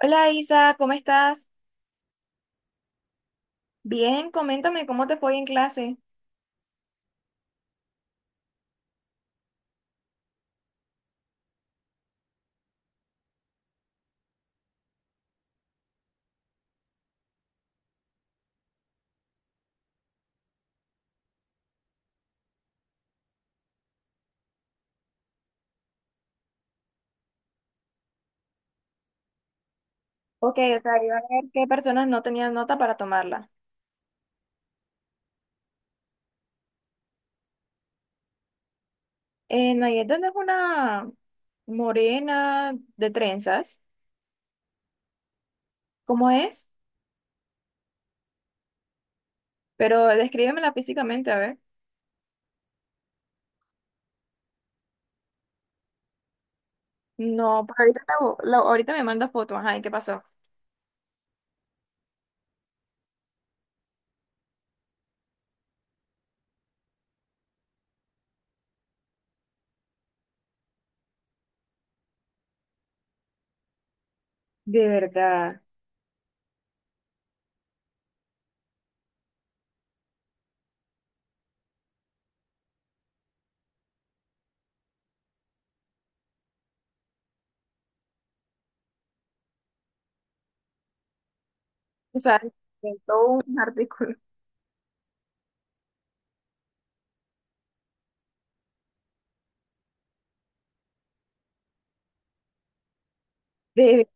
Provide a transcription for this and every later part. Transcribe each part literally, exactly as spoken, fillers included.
Hola Isa, ¿cómo estás? Bien, coméntame cómo te fue en clase. Ok, o sea, iba a ver qué personas no tenían nota para tomarla. Eh, Nayeta no es una morena de trenzas, ¿cómo es? Pero descríbemela físicamente, a ver. No, pues ahorita, te bu- lo- ahorita me manda foto, ajá, ¿y qué pasó? De verdad. O sea, inventó un artículo. De verdad.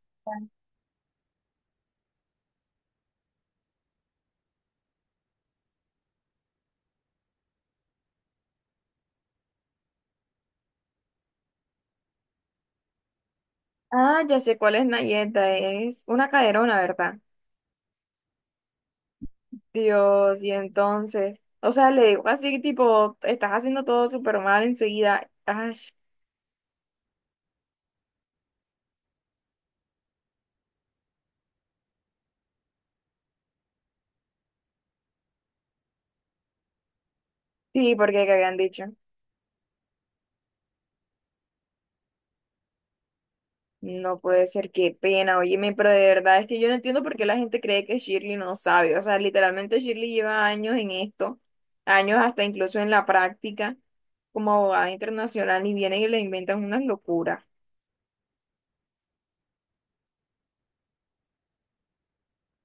Ah, ya sé cuál es Nayeta, es una caderona, ¿verdad? Dios, y entonces, o sea, le digo así, tipo, estás haciendo todo súper mal enseguida. Ay, sí, porque que habían dicho. No puede ser, qué pena, óyeme, pero de verdad es que yo no entiendo por qué la gente cree que Shirley no sabe. O sea, literalmente Shirley lleva años en esto, años hasta incluso en la práctica como abogada internacional y vienen y le inventan unas locuras.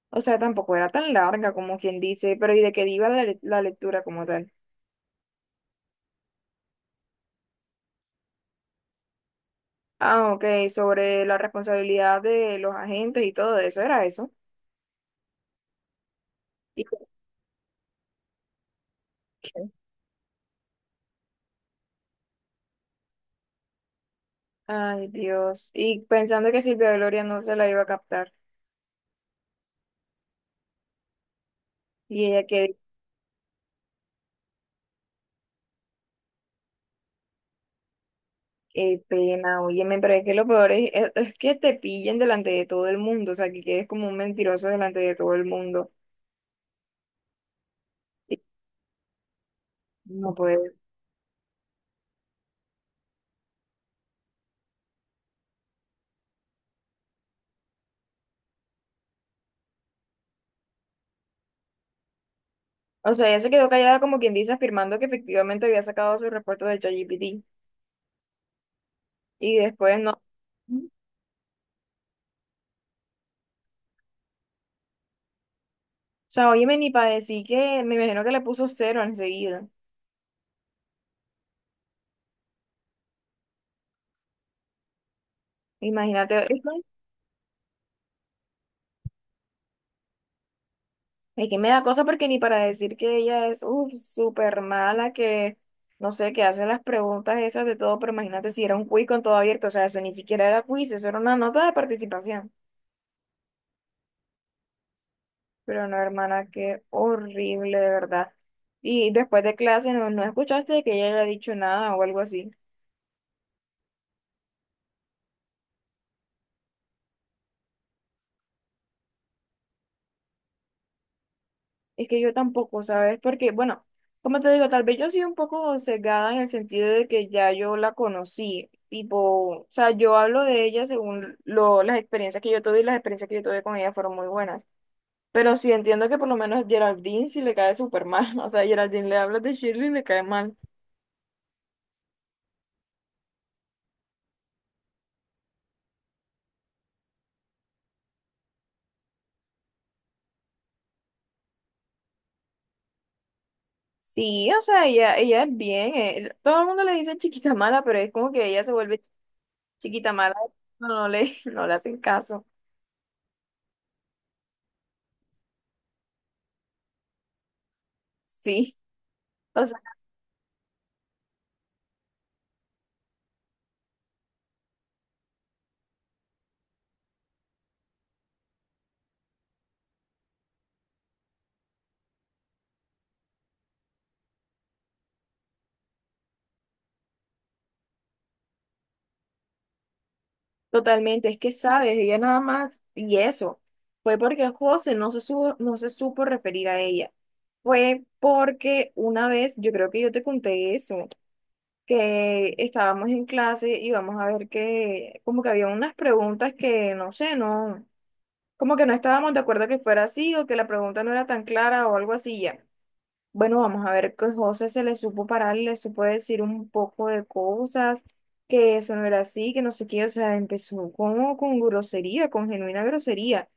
O sea, tampoco era tan larga como quien dice, pero ¿y de qué iba la, le- la lectura como tal? Ah, ok, sobre la responsabilidad de los agentes y todo eso, era eso. Y como que, ay, Dios. Y pensando que Silvia Gloria no se la iba a captar. Y ella, qué, qué pena, óyeme, pero es que lo peor es, es- es que te pillen delante de todo el mundo, o sea, que quedes como un mentiroso delante de todo el mundo. Y no puede. O sea, ella se quedó callada como quien dice, afirmando que efectivamente había sacado su reporte de ChatGPT. Y después no. O sea, óyeme, ni para decir, que me imagino que le puso cero enseguida. Imagínate. Es que me da cosa porque ni para decir que ella es uf, súper mala, que no sé, que hace las preguntas esas de todo, pero imagínate, si era un quiz con todo abierto, o sea, eso ni siquiera era quiz, eso era una nota de participación. Pero no, hermana, qué horrible, de verdad. Y después de clase no, no escuchaste que ella haya dicho nada o algo así. Es que yo tampoco, ¿sabes? Porque, bueno, como te digo, tal vez yo soy un poco sesgada en el sentido de que ya yo la conocí, tipo, o sea, yo hablo de ella según lo, las experiencias que yo tuve, y las experiencias que yo tuve con ella fueron muy buenas. Pero sí entiendo que por lo menos Geraldine sí le cae súper mal, o sea, Geraldine, le hablas de Shirley y le cae mal. Sí, o sea, ella, ella es bien, eh, todo el mundo le dice chiquita mala, pero es como que ella se vuelve chiquita mala, no, no le, no le hacen caso. Sí. Totalmente, es que sabes, ella nada más, y eso, fue porque José no se supo, no se supo referir a ella. Fue porque una vez, yo creo que yo te conté eso, que estábamos en clase y vamos a ver que, como que había unas preguntas que, no sé, no, como que no estábamos de acuerdo que fuera así o que la pregunta no era tan clara o algo así ya. Bueno, vamos a ver, que José se le supo parar, le supo decir un poco de cosas, que eso no era así, que no sé qué, o sea, empezó como con grosería, con genuina grosería.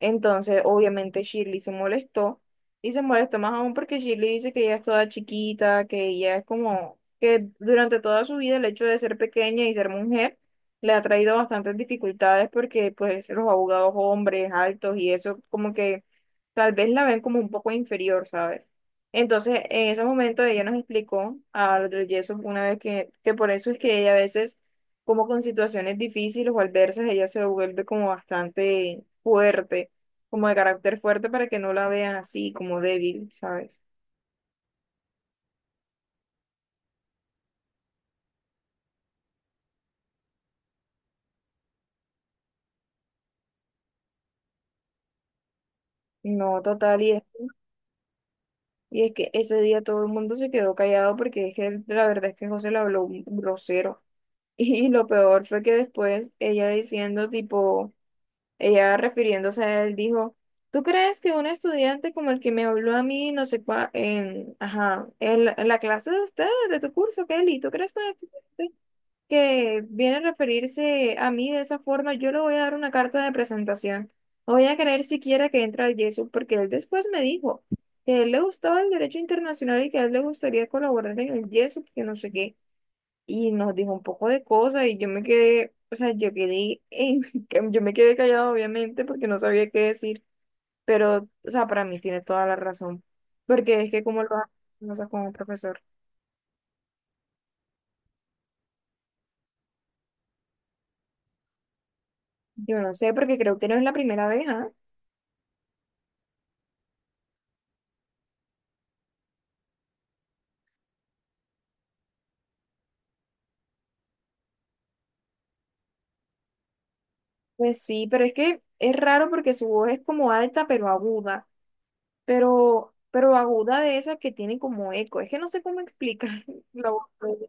Entonces, obviamente, Shirley se molestó y se molestó más aún porque Shirley dice que ella es toda chiquita, que ella es como que durante toda su vida el hecho de ser pequeña y ser mujer le ha traído bastantes dificultades porque pues los abogados hombres altos y eso como que tal vez la ven como un poco inferior, ¿sabes? Entonces, en ese momento ella nos explicó a los del yeso una vez que, que por eso es que ella a veces como con situaciones difíciles o adversas, ella se vuelve como bastante fuerte, como de carácter fuerte, para que no la vean así, como débil, ¿sabes? No, total, y es, y es que ese día todo el mundo se quedó callado porque es que él- la verdad es que José le habló un grosero. Y lo peor fue que después ella diciendo, tipo, ella refiriéndose a él, dijo, ¿tú crees que un estudiante como el que me habló a mí, no sé cuál, en, ajá, en, la en la clase de ustedes, de tu curso, Kelly, ¿tú crees que un estudiante que viene a referirse a mí de esa forma, yo le voy a dar una carta de presentación? No voy a creer siquiera que entre al Yesu, porque él después me dijo que a él le gustaba el derecho internacional y que a él le gustaría colaborar en el Yesu, que no sé qué. Y nos dijo un poco de cosas y yo me quedé, o sea, yo quedé en, yo me quedé callado obviamente porque no sabía qué decir, pero, o sea, para mí tiene toda la razón, porque es que como lo hace cosas con un profesor. Yo no sé, porque creo que no es la primera vez, ¿ah? Pues sí, pero es que es raro porque su voz es como alta pero aguda, pero, pero aguda de esas que tienen como eco. Es que no sé cómo explicar la voz de ella.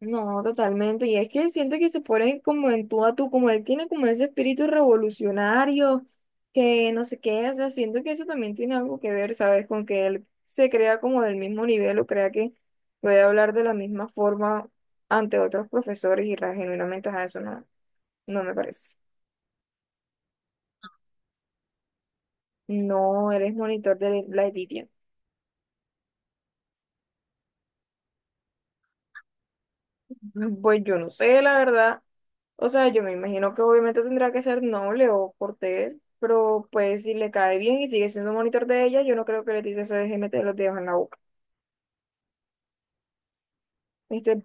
No, totalmente. Y es que siente que se pone como en tú a tú, como él tiene como ese espíritu revolucionario, que no sé qué, o sea, siento que eso también tiene algo que ver, ¿sabes? Con que él se crea como del mismo nivel o crea que puede hablar de la misma forma ante otros profesores y ra- genuinamente a eso no, no me parece. No, eres monitor de la Editia. Pues yo no sé, la verdad. O sea, yo me imagino que obviamente tendrá que ser noble o cortés, pero pues si le cae bien y sigue siendo monitor de ella, yo no creo que Letitia se deje meter los dedos en la boca. Este,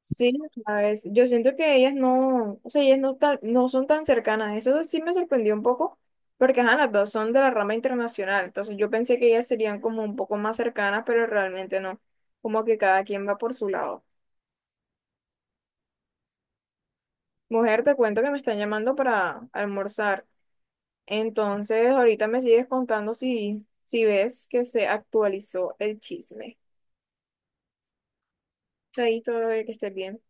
sí, ¿sabes? Yo siento que ellas no, o sea, ellas no, tan- no son tan cercanas. Eso sí me sorprendió un poco, porque ajá, las dos son de la rama internacional. Entonces yo pensé que ellas serían como un poco más cercanas, pero realmente no. Como que cada quien va por su lado. Mujer, te cuento que me están llamando para almorzar. Entonces, ahorita me sigues contando si, si ves que se actualizó el chisme. Chaito, bebé, que estés bien.